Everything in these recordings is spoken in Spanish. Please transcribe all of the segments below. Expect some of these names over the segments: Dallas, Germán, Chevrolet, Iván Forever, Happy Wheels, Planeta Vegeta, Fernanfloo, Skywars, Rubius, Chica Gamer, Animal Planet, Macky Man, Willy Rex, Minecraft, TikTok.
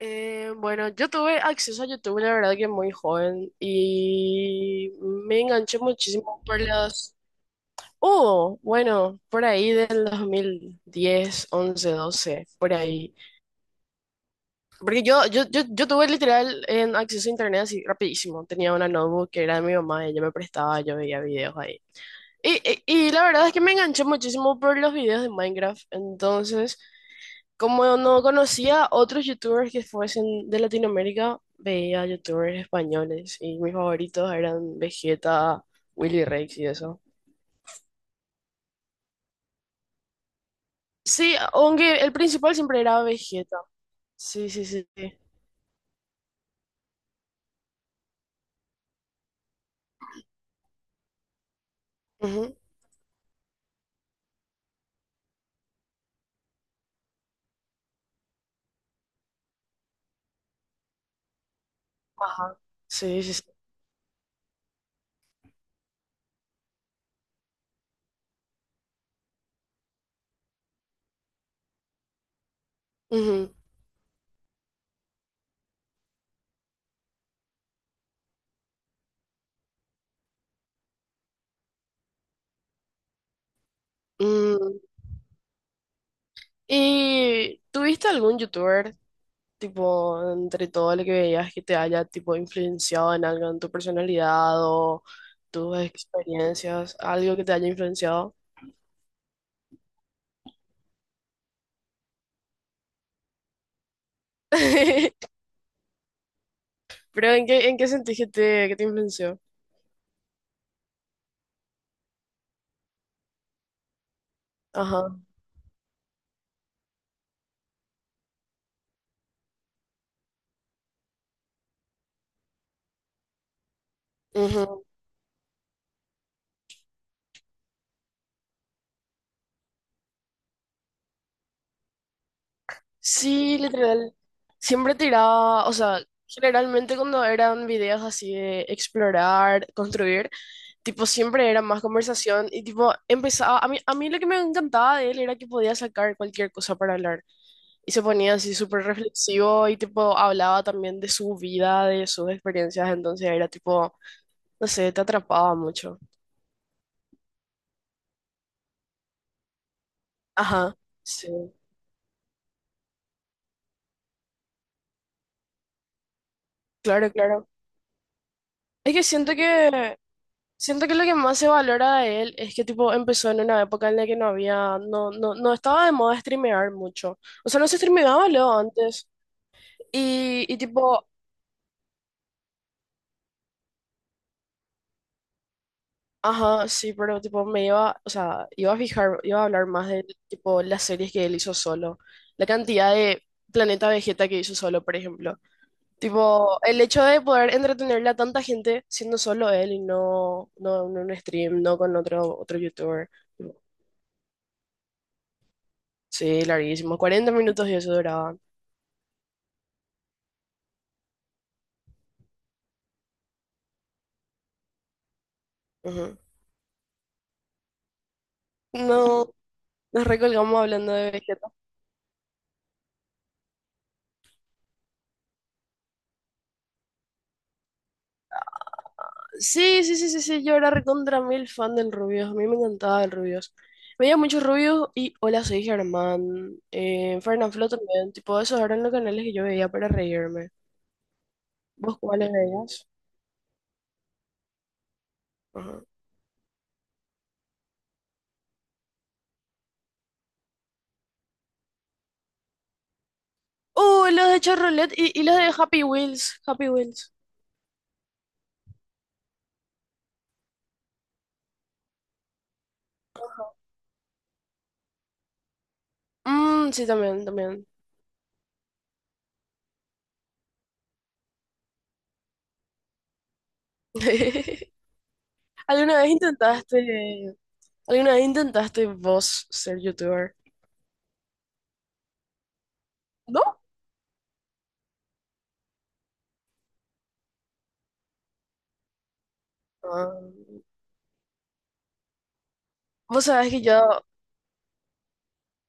Bueno, yo tuve acceso a YouTube, la verdad que muy joven y me enganché muchísimo por las. Oh, bueno, por ahí del 2010, 11, 12, por ahí. Porque yo tuve literal en acceso a internet así rapidísimo. Tenía una notebook que era de mi mamá, ella me prestaba, yo veía videos ahí. Y la verdad es que me enganché muchísimo por los videos de Minecraft. Entonces, como no conocía otros youtubers que fuesen de Latinoamérica, veía youtubers españoles y mis favoritos eran Vegeta, Willy Rex y eso. Sí, aunque el principal siempre era Vegeta. Sí, sí, sí, sí. Ujú. Ajá. Sí, sí, sí. Ujú. Mm. ¿Y tuviste algún youtuber, tipo, entre todo lo que veías que te haya, tipo, influenciado en algo, en tu personalidad o tus experiencias, algo que te haya influenciado? Pero en qué sentís que te influenció? Ajá. Ujú. Sí, literal. Siempre tiraba, o sea, generalmente cuando eran videos así de explorar, construir, tipo siempre era más conversación y tipo empezaba, a mí lo que me encantaba de él era que podía sacar cualquier cosa para hablar. Y se ponía así súper reflexivo y tipo hablaba también de su vida, de sus experiencias, entonces era tipo, no sé, te atrapaba mucho. Ajá, sí, claro, claro. Es que siento que lo que más se valora de él es que tipo empezó en una época en la que no había, no estaba de moda streamear mucho. O sea, no se streameaba luego antes. Y tipo, ajá, sí, pero tipo me iba, o sea, iba a fijar, iba a hablar más de tipo las series que él hizo solo. La cantidad de Planeta Vegeta que hizo solo, por ejemplo. Tipo, el hecho de poder entretenerle a tanta gente siendo solo él y no en un stream, no con otro youtuber. Sí, larguísimo. 40 minutos y eso duraban. Ujú. No, nos recolgamos hablando de Vegeta. Sí, sí, sí, sí, sí. Yo era recontra mil fan del Rubius. A mí me encantaba el Rubius. Veía muchos Rubius y Hola, soy Germán. Fernanfloo también. Tipo, esos eran los canales que yo veía para reírme. ¿Vos cuáles veías? Ajá. Los de Chevrolet y los de Happy Wheels. Happy Wheels. Mm, sí, también, también. ¿Alguna vez intentaste, alguna vez intentaste vos ser youtuber? ¿No? Ah, vos sabés que yo,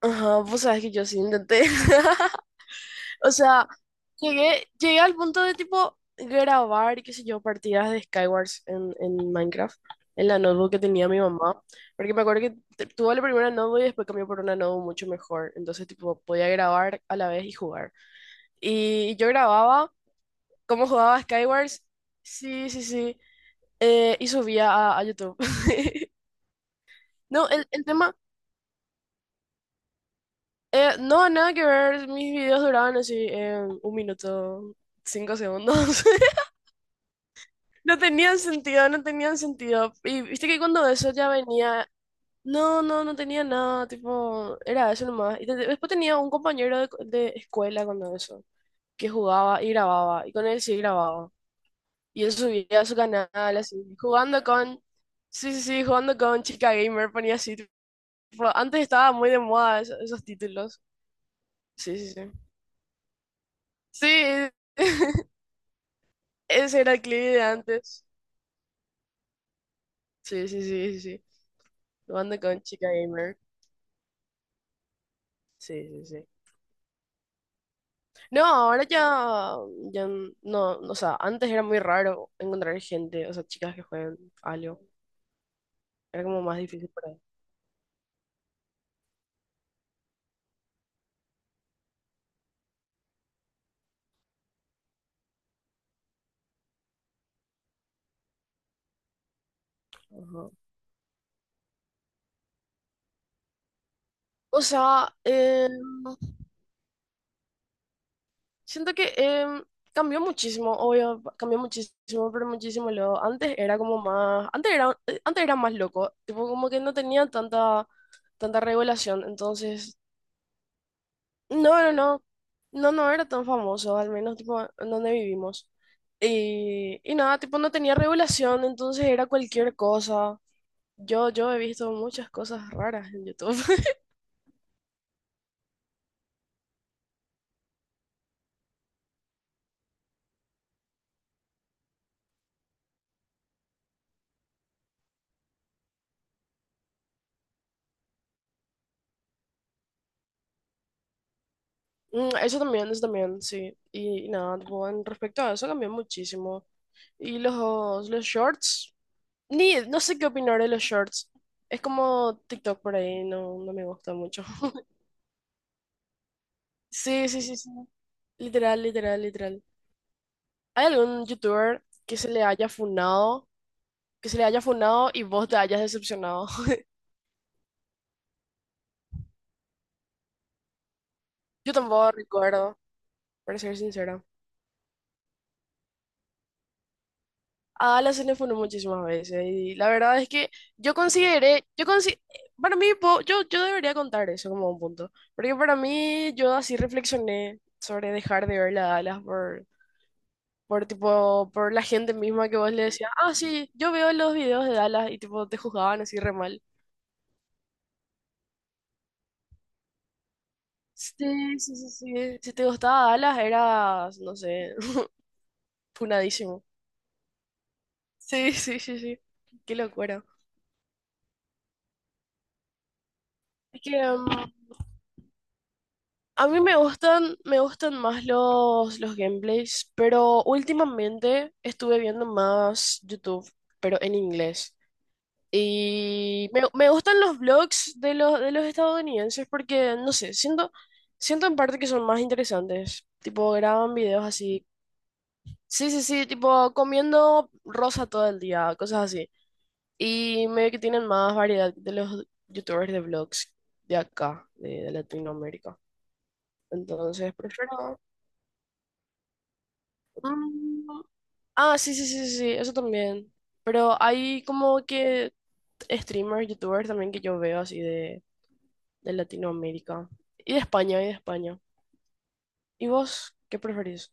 ajá, vos sabés que yo sí intenté. O sea, llegué al punto de tipo grabar, qué sé yo, partidas de Skywars en Minecraft, en la notebook que tenía mi mamá. Porque me acuerdo que tuve la primera notebook y después cambió por una notebook mucho mejor. Entonces, tipo, podía grabar a la vez y jugar. Y yo grababa cómo jugaba Skywars. Sí, sí, sí. Y subía a YouTube. No, el tema. No, nada que ver. Mis videos duraban así 1 minuto, 5 segundos. No tenían sentido, no tenían sentido. Y viste que cuando eso ya venía, no tenía nada, tipo, era eso nomás. Y después tenía un compañero de escuela cuando eso, que jugaba y grababa, y con él sí grababa. Y él subía a su canal así, sí, sí, sí, jugando con Chica Gamer, ponía así, tipo, antes estaba muy de moda esos títulos. Sí, sí, sí. Sí. Ese era el clip de antes. Sí, sí, sí, sí, sí. Jugando con chica gamer. Sí, sí, sí. No, ahora ya, ya no, o sea, antes era muy raro encontrar gente, o sea, chicas que jueguen algo. Era como más difícil para ahí. Ajá. O sea, siento que cambió muchísimo, obvio, cambió muchísimo, pero muchísimo luego. Antes era como más, antes era más loco, tipo como que no tenía tanta regulación, entonces. No, no, no. No, no era tan famoso, al menos tipo en donde vivimos. Y nada, tipo no tenía regulación, entonces era cualquier cosa. Yo he visto muchas cosas raras en YouTube. Mm, eso también, eso también, sí. Y nada, tipo, en respecto a eso cambió muchísimo. Y los shorts, ni, no sé qué opinar de los shorts. Es como TikTok por ahí, no, no me gusta mucho. Sí, sí, sí, sí. Literal, literal, literal. ¿Hay algún youtuber que se le haya funado, que se le haya funado y vos te hayas decepcionado? Yo tampoco recuerdo, para ser sincera. A Ala se le funó muchísimas veces y la verdad es que yo consideré, para mí, yo debería contar eso como un punto, porque para mí yo así reflexioné sobre dejar de ver la Dallas por tipo, por la gente misma que vos le decías, ah, sí, yo veo los videos de Dallas y tipo te juzgaban así re mal. Sí, sí, sí, sí. Si te gustaba Dallas, eras, no sé, punadísimo. Sí, sí, sí, sí. Qué locura. Es que a mí me gustan más los gameplays, pero últimamente estuve viendo más YouTube, pero en inglés. Y me gustan los vlogs de los estadounidenses porque, no sé, siento en parte que son más interesantes. Tipo, graban videos así. Sí, sí, sí, tipo comiendo rosa todo el día, cosas así. Y medio que tienen más variedad de los youtubers de vlogs de acá, de Latinoamérica. Entonces, prefiero. Mm, ah, sí, sí, sí, sí, sí, eso también. Pero hay como que streamers, youtubers también que yo veo así de Latinoamérica. Y de España, y de España. ¿Y vos qué preferís?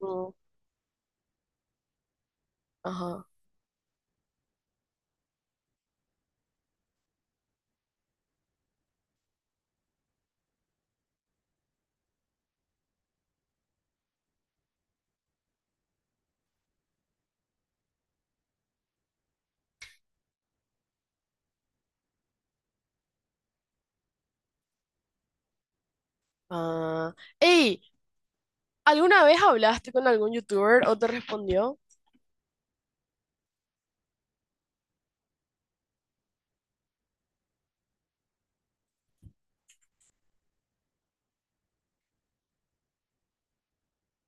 Mm, ajá. Ah. ¡Ey! ¿Alguna vez hablaste con algún youtuber o te respondió?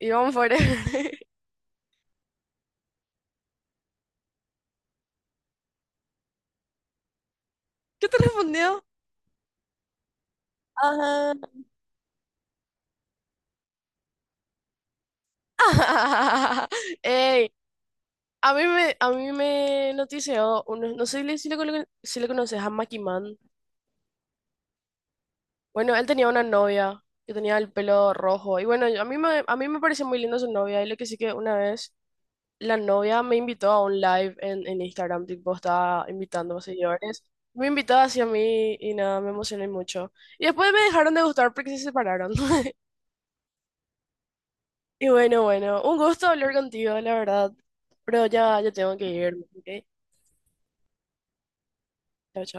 Iván Forever. ¿Qué te respondió? Ajá. Ey, a mí me notició, uno, no sé si le conoces a Macky Man. Bueno, él tenía una novia que tenía el pelo rojo. Y bueno, a mí me pareció muy linda su novia. Y lo que sí que una vez la novia me invitó a un live en Instagram, tipo, estaba invitando a seguidores. Me invitó hacia mí y nada, me emocioné mucho. Y después me dejaron de gustar porque se separaron. Y bueno, bueno, un gusto hablar contigo, la verdad. Pero ya, ya tengo que irme, ¿ok? Chao, chao.